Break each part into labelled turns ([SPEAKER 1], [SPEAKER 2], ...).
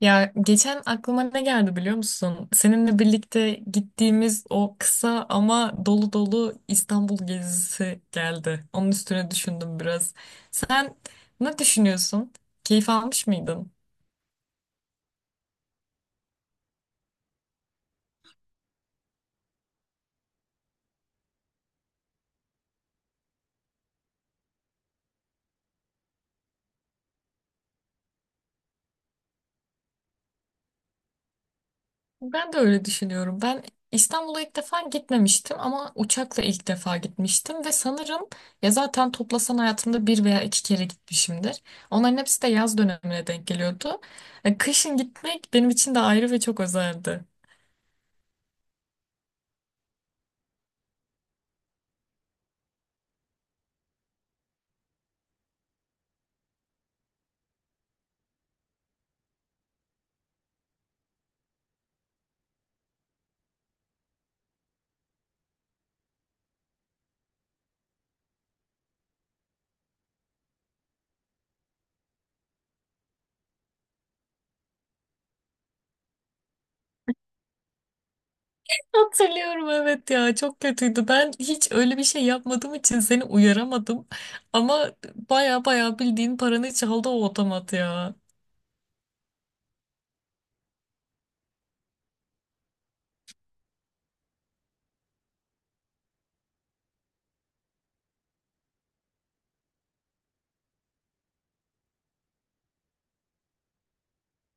[SPEAKER 1] Ya geçen aklıma ne geldi biliyor musun? Seninle birlikte gittiğimiz o kısa ama dolu dolu İstanbul gezisi geldi. Onun üstüne düşündüm biraz. Sen ne düşünüyorsun? Keyif almış mıydın? Ben de öyle düşünüyorum. Ben İstanbul'a ilk defa gitmemiştim ama uçakla ilk defa gitmiştim ve sanırım ya zaten toplasan hayatımda bir veya iki kere gitmişimdir. Onların hepsi de yaz dönemine denk geliyordu. Kışın gitmek benim için de ayrı ve çok özeldi. Hatırlıyorum, evet ya, çok kötüydü. Ben hiç öyle bir şey yapmadığım için seni uyaramadım. Ama baya baya bildiğin paranı çaldı o otomat ya.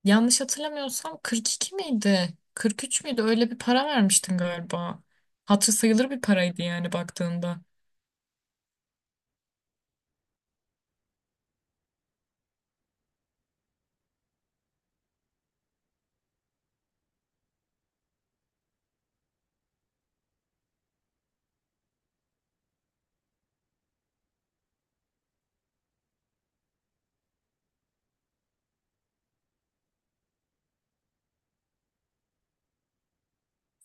[SPEAKER 1] Yanlış hatırlamıyorsam 42 miydi? 43 müydü? Öyle bir para vermiştin galiba. Hatırı sayılır bir paraydı yani baktığında.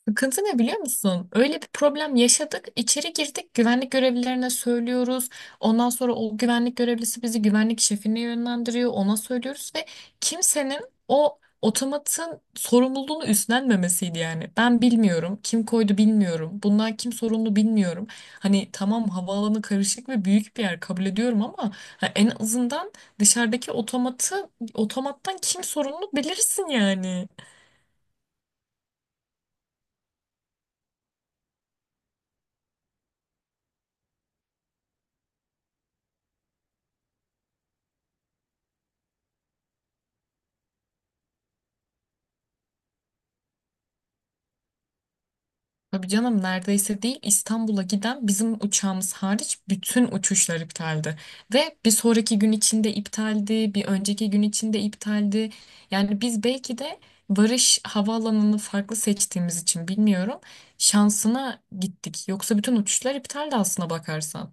[SPEAKER 1] Sıkıntı ne biliyor musun? Öyle bir problem yaşadık. İçeri girdik, güvenlik görevlilerine söylüyoruz. Ondan sonra o güvenlik görevlisi bizi güvenlik şefine yönlendiriyor. Ona söylüyoruz ve kimsenin o otomatın sorumluluğunu üstlenmemesiydi yani. Ben bilmiyorum, kim koydu bilmiyorum. Bundan kim sorumlu bilmiyorum. Hani tamam, havaalanı karışık ve büyük bir yer, kabul ediyorum, ama ha, en azından dışarıdaki otomattan kim sorumlu bilirsin yani. Tabii canım, neredeyse değil, İstanbul'a giden bizim uçağımız hariç bütün uçuşlar iptaldi. Ve bir sonraki gün içinde iptaldi, bir önceki gün içinde iptaldi. Yani biz belki de varış havaalanını farklı seçtiğimiz için bilmiyorum, şansına gittik. Yoksa bütün uçuşlar iptaldi aslına bakarsan.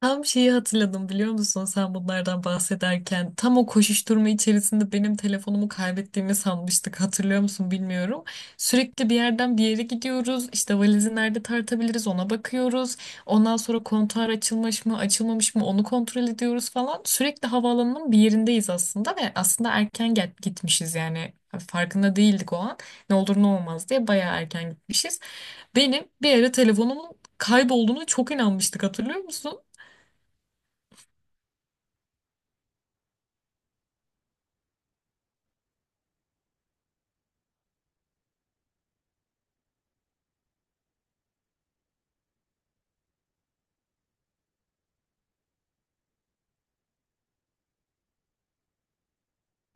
[SPEAKER 1] Tam şeyi hatırladım biliyor musun, sen bunlardan bahsederken tam o koşuşturma içerisinde benim telefonumu kaybettiğimi sanmıştık, hatırlıyor musun bilmiyorum. Sürekli bir yerden bir yere gidiyoruz, işte valizi nerede tartabiliriz ona bakıyoruz, ondan sonra kontuar açılmış mı açılmamış mı onu kontrol ediyoruz falan, sürekli havaalanının bir yerindeyiz aslında ve aslında erken gitmişiz yani, farkında değildik o an, ne olur ne olmaz diye bayağı erken gitmişiz. Benim bir yere telefonumun kaybolduğunu çok inanmıştık, hatırlıyor musun?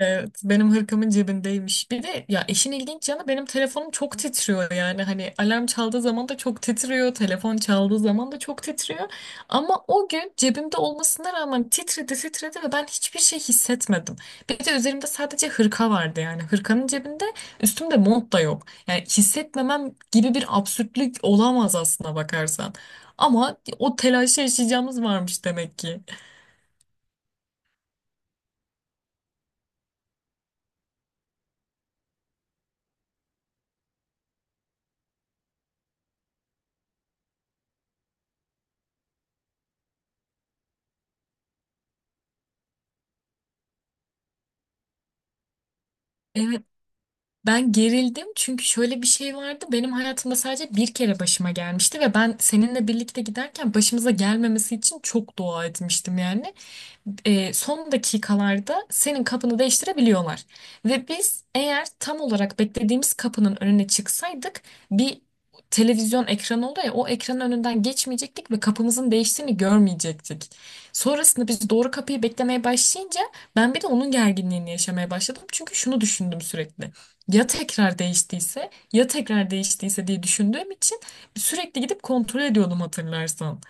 [SPEAKER 1] Evet, benim hırkamın cebindeymiş. Bir de ya, işin ilginç yanı, benim telefonum çok titriyor, yani hani alarm çaldığı zaman da çok titriyor, telefon çaldığı zaman da çok titriyor. Ama o gün cebimde olmasına rağmen titredi titredi ve ben hiçbir şey hissetmedim. Bir de üzerimde sadece hırka vardı, yani hırkanın cebinde, üstümde mont da yok. Yani hissetmemem gibi bir absürtlük olamaz aslına bakarsan. Ama o telaşı yaşayacağımız varmış demek ki. Ben gerildim çünkü şöyle bir şey vardı. Benim hayatımda sadece bir kere başıma gelmişti ve ben seninle birlikte giderken başımıza gelmemesi için çok dua etmiştim, yani son dakikalarda senin kapını değiştirebiliyorlar. Ve biz eğer tam olarak beklediğimiz kapının önüne çıksaydık, bir televizyon ekranı oluyor ya, o ekranın önünden geçmeyecektik ve kapımızın değiştiğini görmeyecektik. Sonrasında biz doğru kapıyı beklemeye başlayınca ben bir de onun gerginliğini yaşamaya başladım. Çünkü şunu düşündüm sürekli. Ya tekrar değiştiyse, ya tekrar değiştiyse diye düşündüğüm için sürekli gidip kontrol ediyordum, hatırlarsan.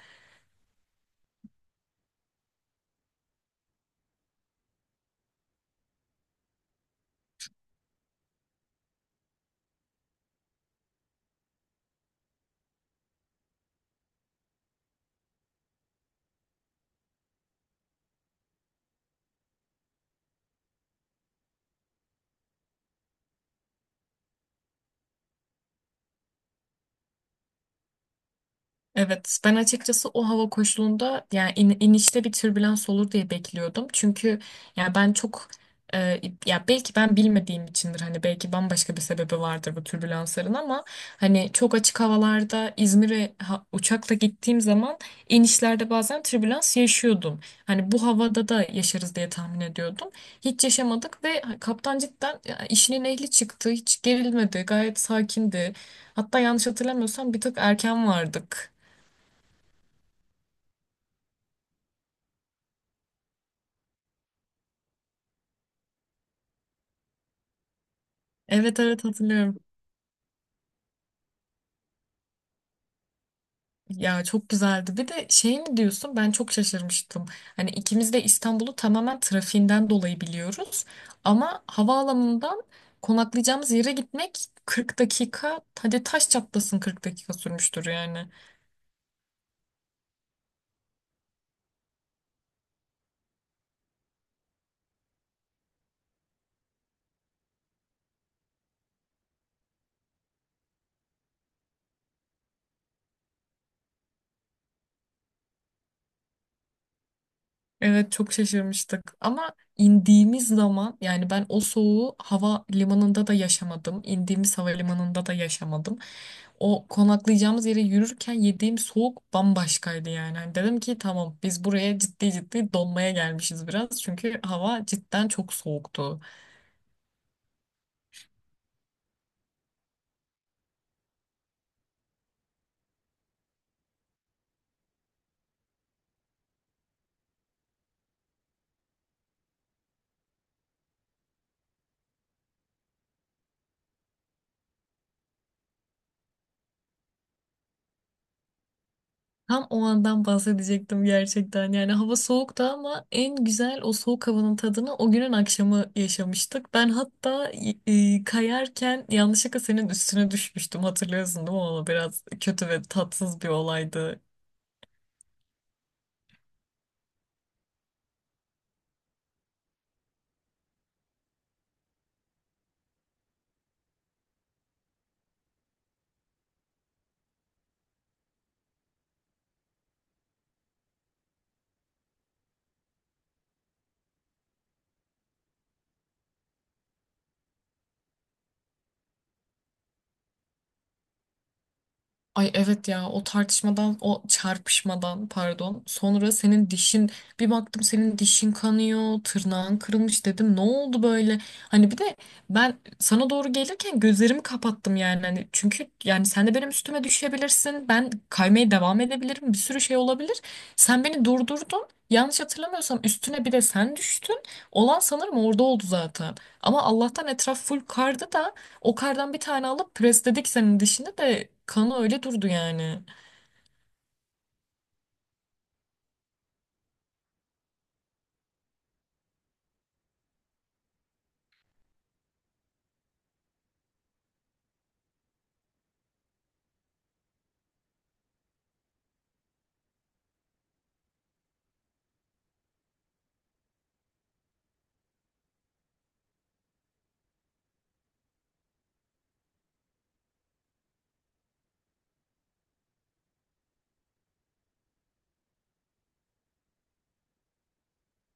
[SPEAKER 1] Evet, ben açıkçası o hava koşulunda yani inişte bir türbülans olur diye bekliyordum. Çünkü yani ben çok e, ya belki ben bilmediğim içindir, hani belki bambaşka bir sebebi vardır bu türbülansların, ama hani çok açık havalarda İzmir'e uçakla gittiğim zaman inişlerde bazen türbülans yaşıyordum. Hani bu havada da yaşarız diye tahmin ediyordum. Hiç yaşamadık ve kaptan cidden ya, işinin ehli çıktı. Hiç gerilmedi. Gayet sakindi. Hatta yanlış hatırlamıyorsam bir tık erken vardık. Evet, evet, hatırlıyorum. Ya çok güzeldi. Bir de şey mi diyorsun? Ben çok şaşırmıştım. Hani ikimiz de İstanbul'u tamamen trafiğinden dolayı biliyoruz. Ama havaalanından konaklayacağımız yere gitmek 40 dakika, hadi taş çatlasın 40 dakika sürmüştür yani. Evet, çok şaşırmıştık. Ama indiğimiz zaman yani ben o soğuğu hava limanında da yaşamadım, indiğimiz havalimanında da yaşamadım. O konaklayacağımız yere yürürken yediğim soğuk bambaşkaydı yani. Hani dedim ki tamam, biz buraya ciddi ciddi donmaya gelmişiz biraz. Çünkü hava cidden çok soğuktu. Tam o andan bahsedecektim gerçekten. Yani hava soğuktu ama en güzel o soğuk havanın tadını o günün akşamı yaşamıştık. Ben hatta kayarken yanlışlıkla senin üstüne düşmüştüm. Hatırlıyorsun değil mi onu? Biraz kötü ve tatsız bir olaydı. Ay evet ya, o tartışmadan, o çarpışmadan pardon sonra senin dişin, bir baktım senin dişin kanıyor, tırnağın kırılmış, dedim ne oldu böyle. Hani bir de ben sana doğru gelirken gözlerimi kapattım, yani hani çünkü yani sen de benim üstüme düşebilirsin, ben kaymaya devam edebilirim, bir sürü şey olabilir. Sen beni durdurdun, yanlış hatırlamıyorsam üstüne bir de sen düştün, olan sanırım orada oldu zaten. Ama Allah'tan etraf full kardı da o kardan bir tane alıp presledik senin dişini, de kanı öyle durdu yani.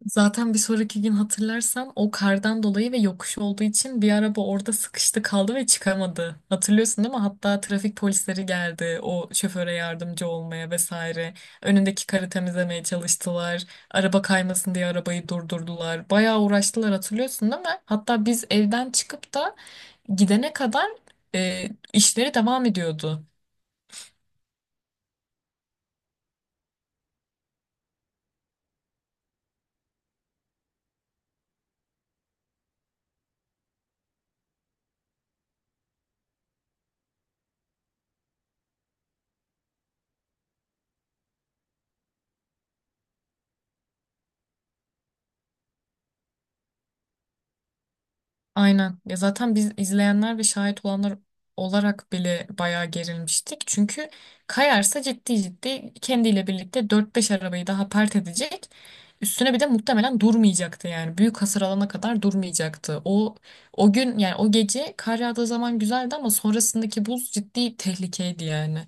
[SPEAKER 1] Zaten bir sonraki gün hatırlarsan, o kardan dolayı ve yokuş olduğu için bir araba orada sıkıştı kaldı ve çıkamadı. Hatırlıyorsun değil mi? Hatta trafik polisleri geldi o şoföre yardımcı olmaya vesaire. Önündeki karı temizlemeye çalıştılar. Araba kaymasın diye arabayı durdurdular. Bayağı uğraştılar, hatırlıyorsun değil mi? Hatta biz evden çıkıp da gidene kadar e, işleri devam ediyordu. Aynen. Ya zaten biz izleyenler ve şahit olanlar olarak bile bayağı gerilmiştik. Çünkü kayarsa ciddi ciddi kendiyle birlikte dört beş arabayı daha pert edecek. Üstüne bir de muhtemelen durmayacaktı yani. Büyük hasar alana kadar durmayacaktı. O gün yani o gece kar yağdığı zaman güzeldi ama sonrasındaki buz ciddi tehlikeydi yani.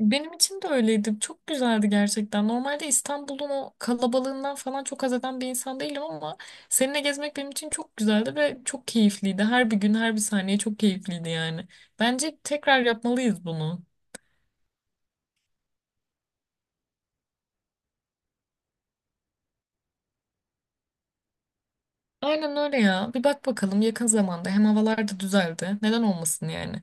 [SPEAKER 1] Benim için de öyleydi. Çok güzeldi gerçekten. Normalde İstanbul'un o kalabalığından falan çok haz eden bir insan değilim ama seninle gezmek benim için çok güzeldi ve çok keyifliydi. Her bir gün, her bir saniye çok keyifliydi yani. Bence tekrar yapmalıyız bunu. Aynen öyle ya. Bir bak bakalım yakın zamanda. Hem havalar da düzeldi. Neden olmasın yani?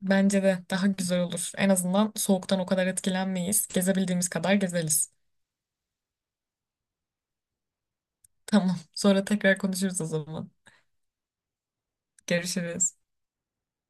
[SPEAKER 1] Bence de daha güzel olur. En azından soğuktan o kadar etkilenmeyiz. Gezebildiğimiz kadar gezeriz. Tamam. Sonra tekrar konuşuruz o zaman. Görüşürüz.